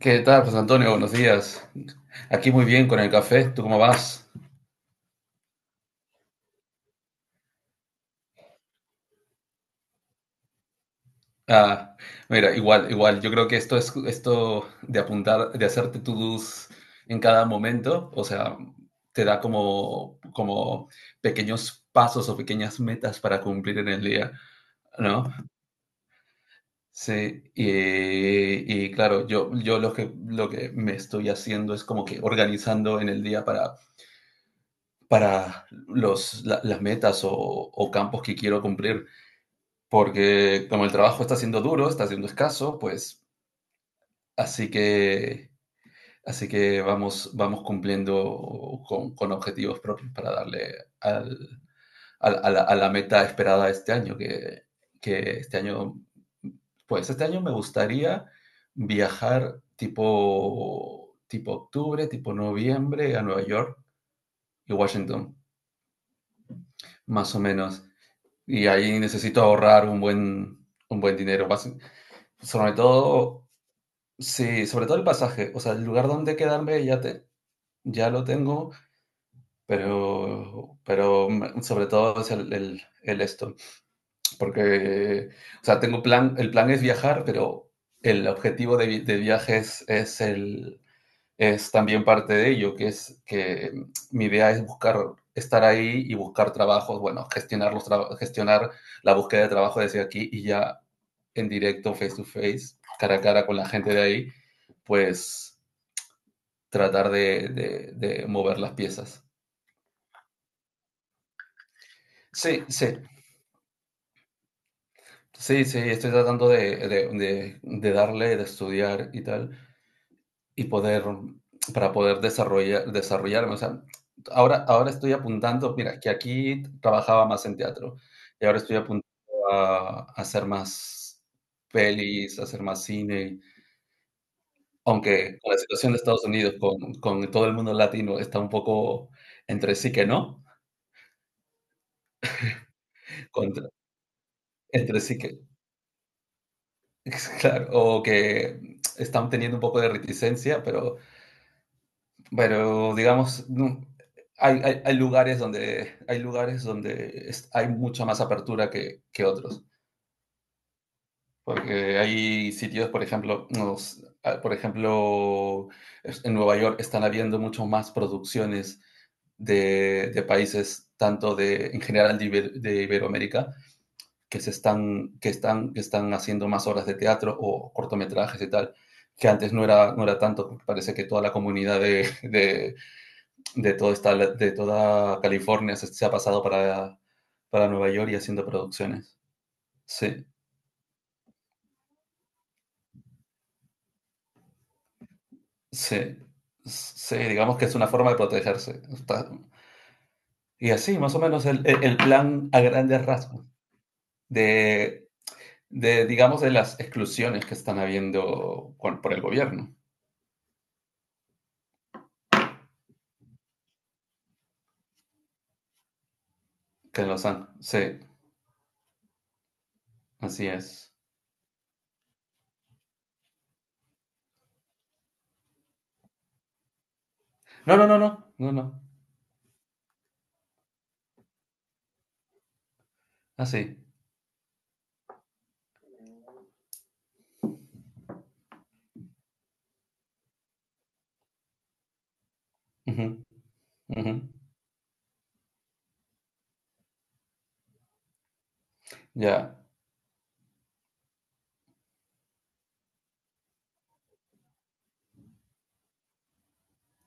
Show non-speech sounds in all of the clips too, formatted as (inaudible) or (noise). ¿Qué tal, José Antonio? Buenos días. Aquí muy bien con el café. ¿Tú cómo vas? Ah, mira, igual. Yo creo que esto es esto de apuntar, de hacerte to-dos en cada momento, o sea, te da como pequeños pasos o pequeñas metas para cumplir en el día, ¿no? Sí, y claro, yo lo que me estoy haciendo es como que organizando en el día para las metas o campos que quiero cumplir, porque como el trabajo está siendo duro, está siendo escaso, pues así que, así que vamos, vamos cumpliendo con objetivos propios para darle al- a la meta esperada este año, que este año, pues este año me gustaría viajar tipo octubre, tipo noviembre a Nueva York y Washington, más o menos. Y ahí necesito ahorrar un un buen dinero, sobre todo. Sí, sobre todo el pasaje, o sea, el lugar donde quedarme ya te, ya lo tengo, pero, pero sobre todo es el esto, porque, o sea, tengo plan, el plan es viajar, pero el objetivo de, de viaje es es también parte de ello, que es que mi idea es buscar, estar ahí y buscar trabajos, bueno, gestionar los gestionar la búsqueda de trabajo desde aquí y ya en directo, face to face, cara a cara con la gente de ahí, pues tratar de, de mover las piezas. Sí, sí, sí, sí, estoy tratando de, de darle, de estudiar y tal, y poder, para poder desarrollar, desarrollarme. O sea, ahora, ahora estoy apuntando, mira, que aquí trabajaba más en teatro, y ahora estoy apuntando a hacer más pelis, a hacer más cine, aunque con la situación de Estados Unidos, con todo el mundo latino, está un poco entre sí que no, contra- entre sí que (laughs) es claro, o que están teniendo un poco de reticencia, pero digamos, no, hay, hay lugares donde, hay lugares donde hay mucha más apertura que otros. Porque hay sitios, por ejemplo, ah, por ejemplo, en Nueva York están habiendo mucho más producciones de países, tanto de, en general de, de Iberoamérica, que se están, que están, que están haciendo más obras de teatro o cortometrajes y tal, que antes no era, no era tanto, porque parece que toda la comunidad de, todo esta, de toda California se ha pasado para Nueva York y haciendo producciones. Sí, sí, sí, digamos que es una forma de protegerse. Y así, más o menos, el, el plan a grandes rasgos de, de, digamos, de las exclusiones que están habiendo por el gobierno, que los han. Sí, así es. No, no, no, no, no, no. Así. Ujú, ujú. Ya.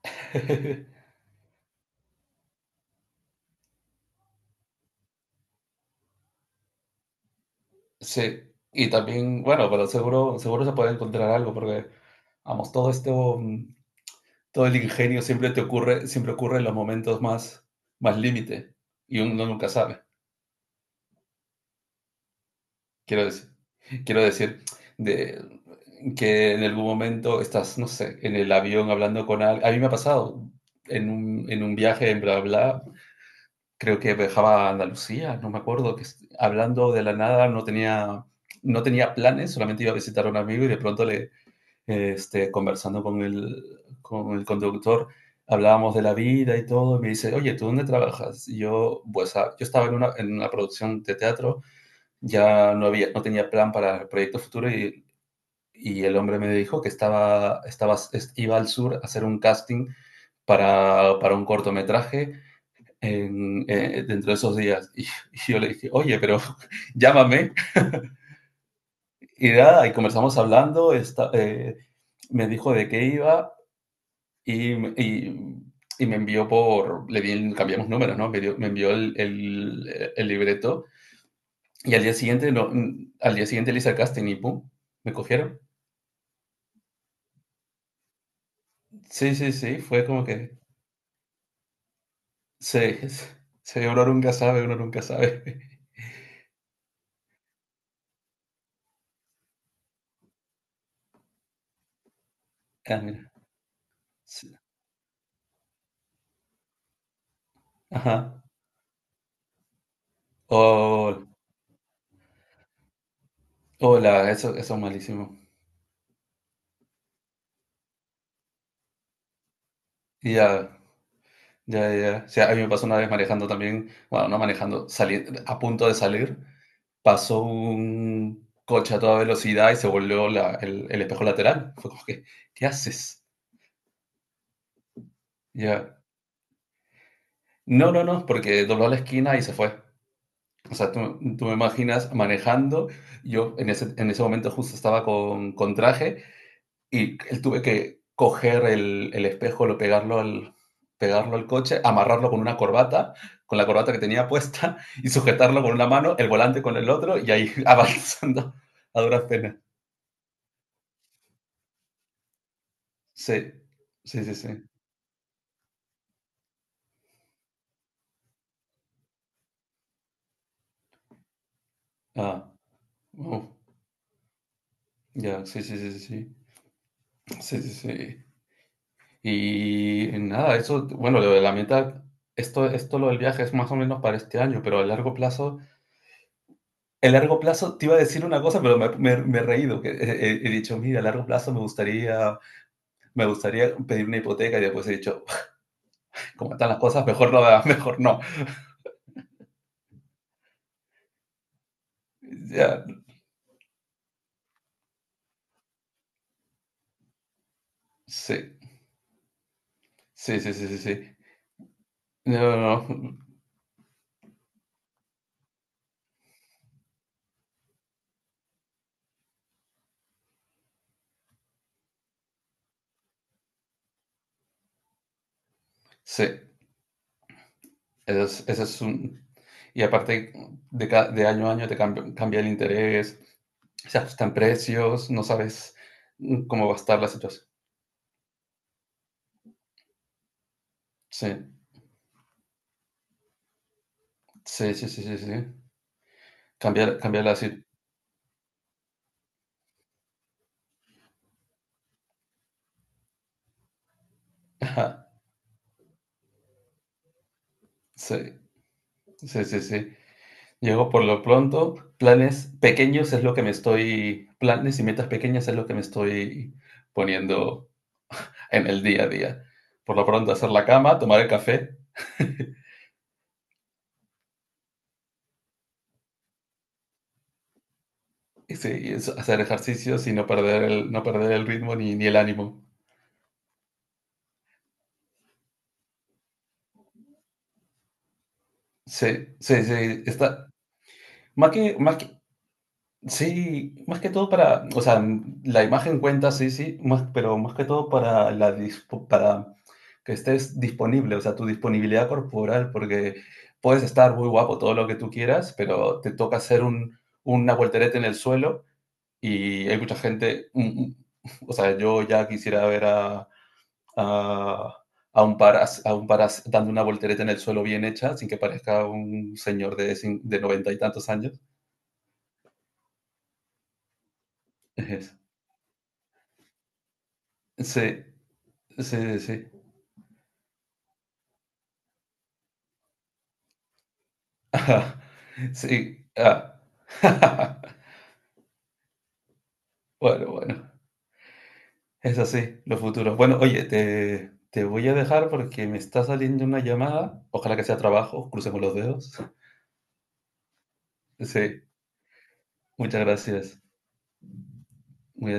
(laughs) Sí. Y también, bueno, pero seguro, seguro se puede encontrar algo, porque vamos, todo esto, todo el ingenio siempre te ocurre, siempre ocurre en los momentos más, más límite. Y uno nunca sabe. Quiero decir, quiero decir, de que en algún momento estás, no sé, en el avión hablando con alguien. A mí me ha pasado en un viaje en bla bla, creo que viajaba a Andalucía, no me acuerdo, que hablando de la nada, no tenía, no tenía planes, solamente iba a visitar a un amigo y de pronto este, conversando con el conductor, hablábamos de la vida y todo, y me dice: «Oye, ¿tú dónde trabajas?». Y yo, pues, ah, yo estaba en una producción de teatro, ya no había, no tenía plan para el proyecto futuro y el hombre me dijo que estaba, estaba, iba al sur a hacer un casting para un cortometraje en, dentro de esos días. Yo le dije: «Oye, pero (laughs) llámame». Y nada, y comenzamos hablando, me dijo de qué iba y, y, y me envió por, le di, cambiamos números, ¿no? Me dio, me envió el libreto y al día siguiente, no, al día siguiente le hice el casting y ¡pum! Me cogieron. Sí, sí, sí, fue como que, sí, sí, uno nunca sabe, uno nunca sabe. (laughs) Ah, mira. Sí. Ajá. Oh, hola, eso es malísimo. Ya, ya, ya. O sea, a mí me pasó una vez manejando también, bueno, no manejando, saliendo, a punto de salir, pasó un coche a toda velocidad y se volvió el espejo lateral. Fue como que, ¿qué haces? Ya. No, no, no, porque dobló la esquina y se fue. O sea, tú me imaginas manejando, yo en ese momento justo estaba con traje. Y él tuve que coger el espejo, lo pegarlo al coche, amarrarlo con una corbata, con la corbata que tenía puesta, (laughs) y sujetarlo con una mano, el volante con el otro, y ahí (laughs) avanzando a duras penas. Sí, sí, sí, sí. Ah, uh, ya, sí, sí, sí, sí, sí, sí, sí, sí. Y nada, eso, bueno, lo de la meta, esto lo del viaje es más o menos para este año, pero a largo plazo. El largo plazo te iba a decir una cosa, pero me, me he reído. Que he, he dicho, mira, a largo plazo me gustaría pedir una hipoteca y después he dicho, (laughs) como están las cosas, mejor no, (laughs) mejor no. Ya, sí, sí, sí, sí, sí, sí. No, no, no, sí, eso es un... Y aparte, de, de año a año te cambia, cambia el interés, se ajustan precios, no sabes cómo va a estar la situación. Sí, sí, sí, sí, sí, sí. Cambiar, cambiar la situación. (laughs) Sí, sí, sí, sí. Llego por lo pronto, planes pequeños es lo que me estoy, planes y metas pequeñas es lo que me estoy poniendo en el día a día. Por lo pronto, hacer la cama, tomar el café y sí, y hacer ejercicios y no perder el, no perder el ritmo ni, ni el ánimo. Sí, sí, sí, está. Más que, más que. Sí, más que todo para, o sea, la imagen cuenta, sí, sí, más, pero más que todo para para que estés disponible, o sea, tu disponibilidad corporal, porque puedes estar muy guapo todo lo que tú quieras, pero te toca hacer un, una voltereta en el suelo y hay mucha gente, (laughs) o sea, yo ya quisiera ver a, a un par, a un par dando una voltereta en el suelo bien hecha, sin que parezca un señor de, de noventa y tantos años. (laughs) Sí. Sí, sí. Sí. (laughs) Ajá. Sí, ah. (laughs) Bueno, bueno, es así, los futuros. Bueno, oye, te voy a dejar porque me está saliendo una llamada. Ojalá que sea trabajo, crucemos los dedos. Sí, muchas gracias. Cuídate.